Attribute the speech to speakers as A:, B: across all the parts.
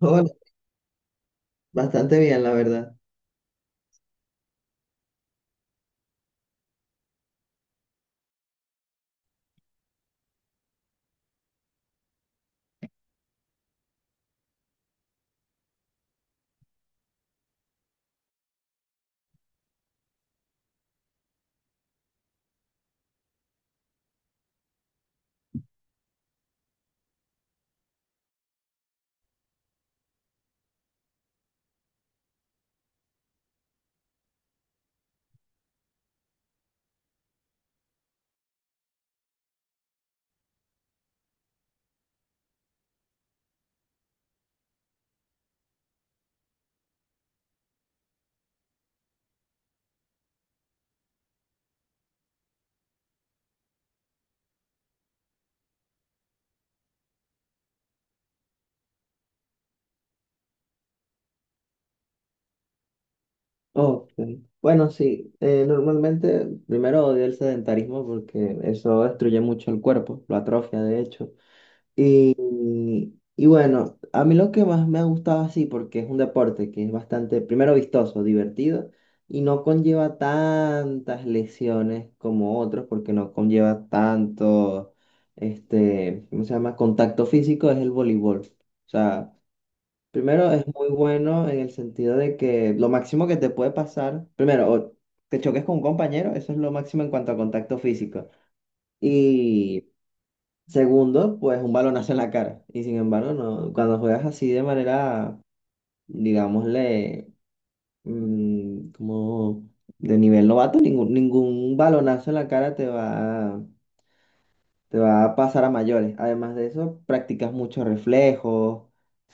A: Hola, bastante bien, la verdad. Ok. Bueno, sí, normalmente primero odio el sedentarismo porque eso destruye mucho el cuerpo, lo atrofia de hecho. Y, y bueno, a mí lo que más me ha gustado así, porque es un deporte que es bastante, primero vistoso, divertido, y no conlleva tantas lesiones como otros, porque no conlleva tanto, este, ¿cómo se llama? Contacto físico, es el voleibol. O sea, primero, es muy bueno en el sentido de que lo máximo que te puede pasar, primero, o te choques con un compañero, eso es lo máximo en cuanto a contacto físico. Y segundo, pues un balonazo en la cara. Y sin embargo, no, cuando juegas así de manera, digámosle, como de nivel novato, ningún balonazo en la cara te va a pasar a mayores. Además de eso, practicas muchos reflejos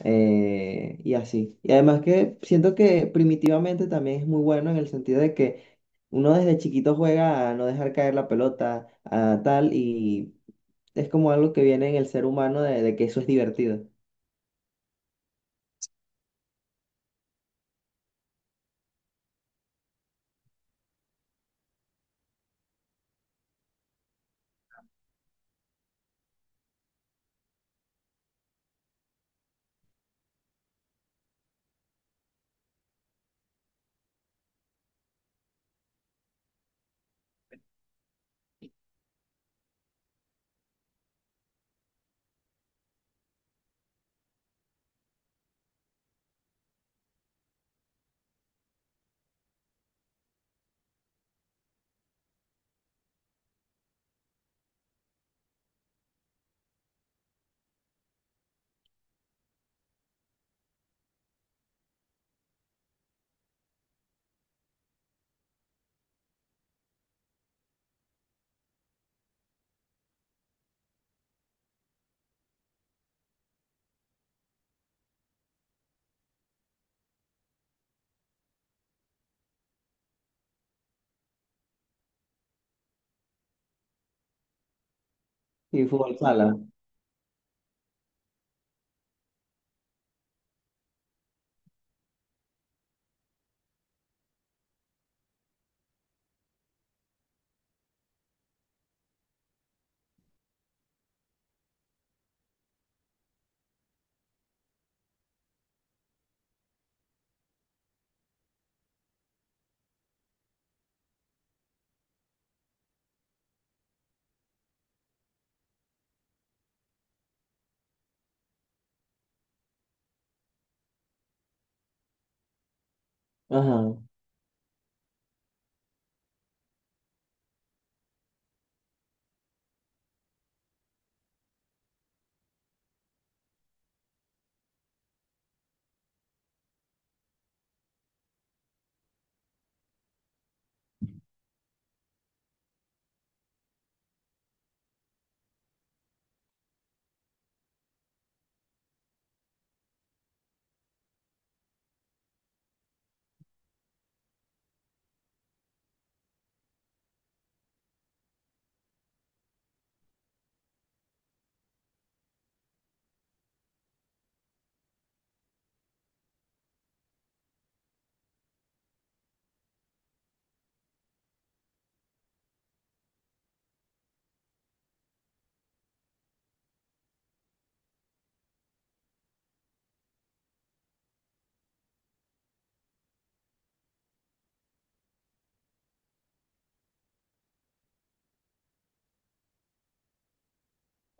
A: y así. Y además que siento que primitivamente también es muy bueno en el sentido de que uno desde chiquito juega a no dejar caer la pelota, a tal, y es como algo que viene en el ser humano de que eso es divertido. Y fútbol sala. Ajá.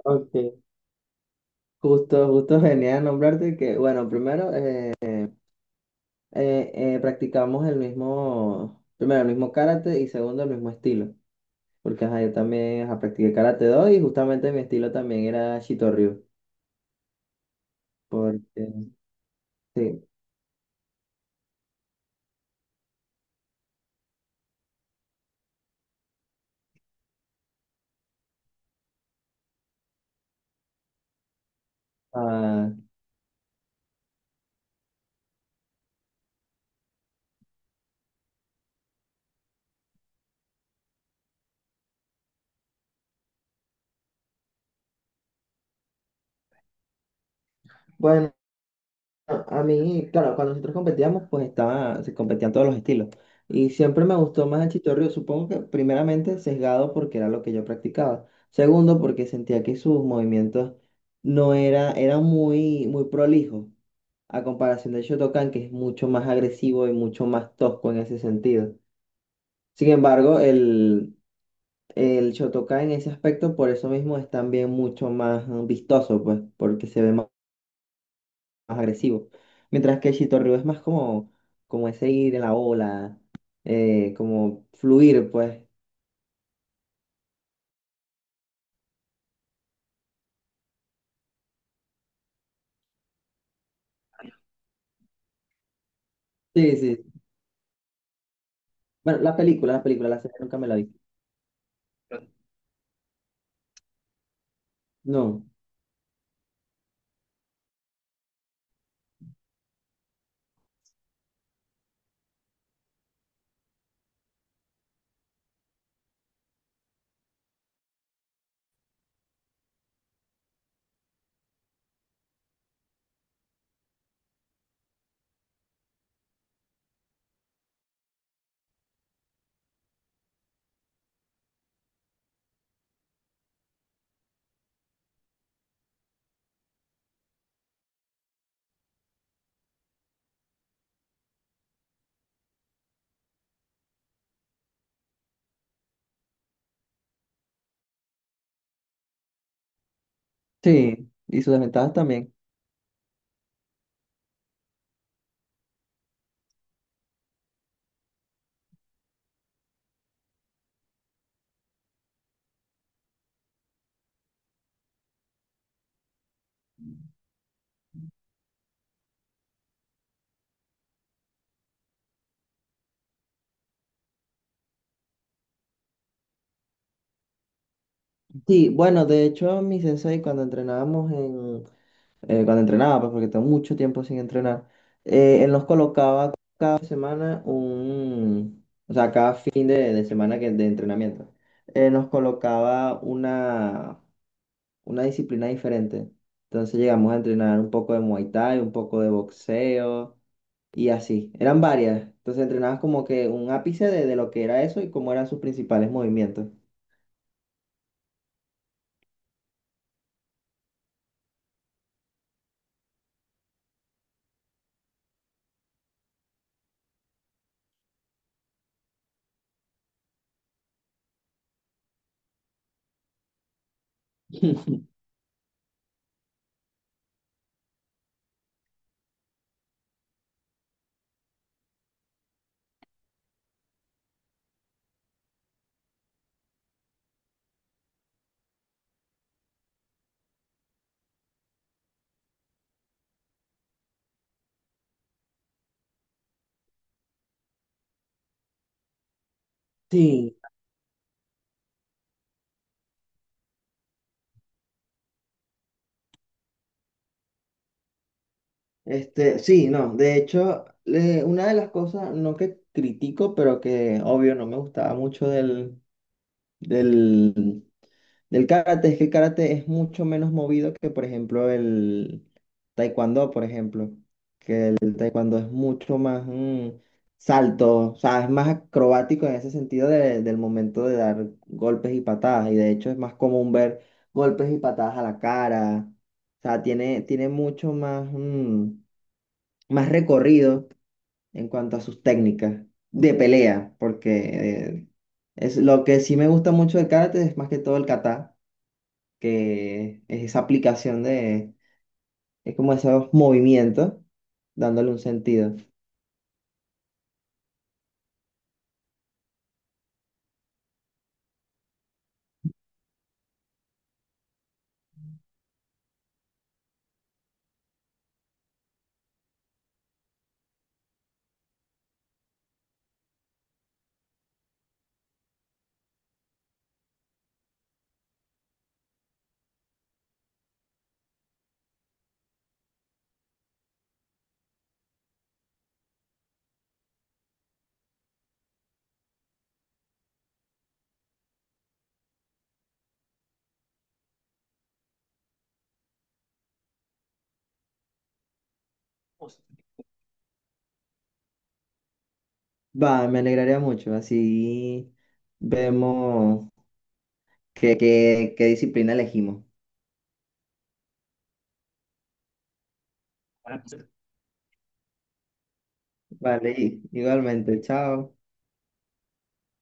A: Ok. Justo, justo venía a nombrarte que, bueno, primero... practicamos el mismo, primero el mismo karate y segundo el mismo estilo. Porque ajá, yo también ajá, practiqué Karate Do y justamente mi estilo también era Shitoryu. Porque, sí, ah, bueno, a mí, claro, cuando nosotros competíamos, pues estaba, se competían todos los estilos. Y siempre me gustó más el Shitoryu, supongo que primeramente sesgado porque era lo que yo practicaba. Segundo, porque sentía que sus movimientos no era, eran muy prolijos, a comparación del Shotokan, que es mucho más agresivo y mucho más tosco en ese sentido. Sin embargo, el Shotokai en ese aspecto, por eso mismo, es también mucho más vistoso, pues, porque se ve más, más agresivo. Mientras que el Shitoryu es más como, como ese ir en la ola, como fluir, pues. Sí, sí. Bueno, la película, la serie nunca me la vi. No. Sí, y sus desventajas también. Sí, bueno, de hecho, mi sensei, cuando entrenábamos en, cuando entrenaba, pues porque tengo mucho tiempo sin entrenar, él nos colocaba cada semana un, o sea, cada fin de semana que, de entrenamiento, nos colocaba una disciplina diferente. Entonces llegamos a entrenar un poco de Muay Thai, un poco de boxeo y así. Eran varias. Entonces entrenabas como que un ápice de lo que era eso y cómo eran sus principales movimientos. Sí, este, sí, no, de hecho, le- una de las cosas, no que critico, pero que obvio no me gustaba mucho del, del karate, es que el karate es mucho menos movido que, por ejemplo, el taekwondo, por ejemplo. El taekwondo es mucho más salto, o sea, es más acrobático en ese sentido de- del momento de dar golpes y patadas, y de hecho es más común ver golpes y patadas a la cara, o sea, tiene mucho más, más recorrido en cuanto a sus técnicas de pelea, porque es lo que sí me gusta mucho del karate es más que todo el kata, que es esa aplicación de, es como esos movimientos, dándole un sentido. Va, me alegraría mucho, así vemos qué disciplina elegimos. Vale, y- igualmente, chao.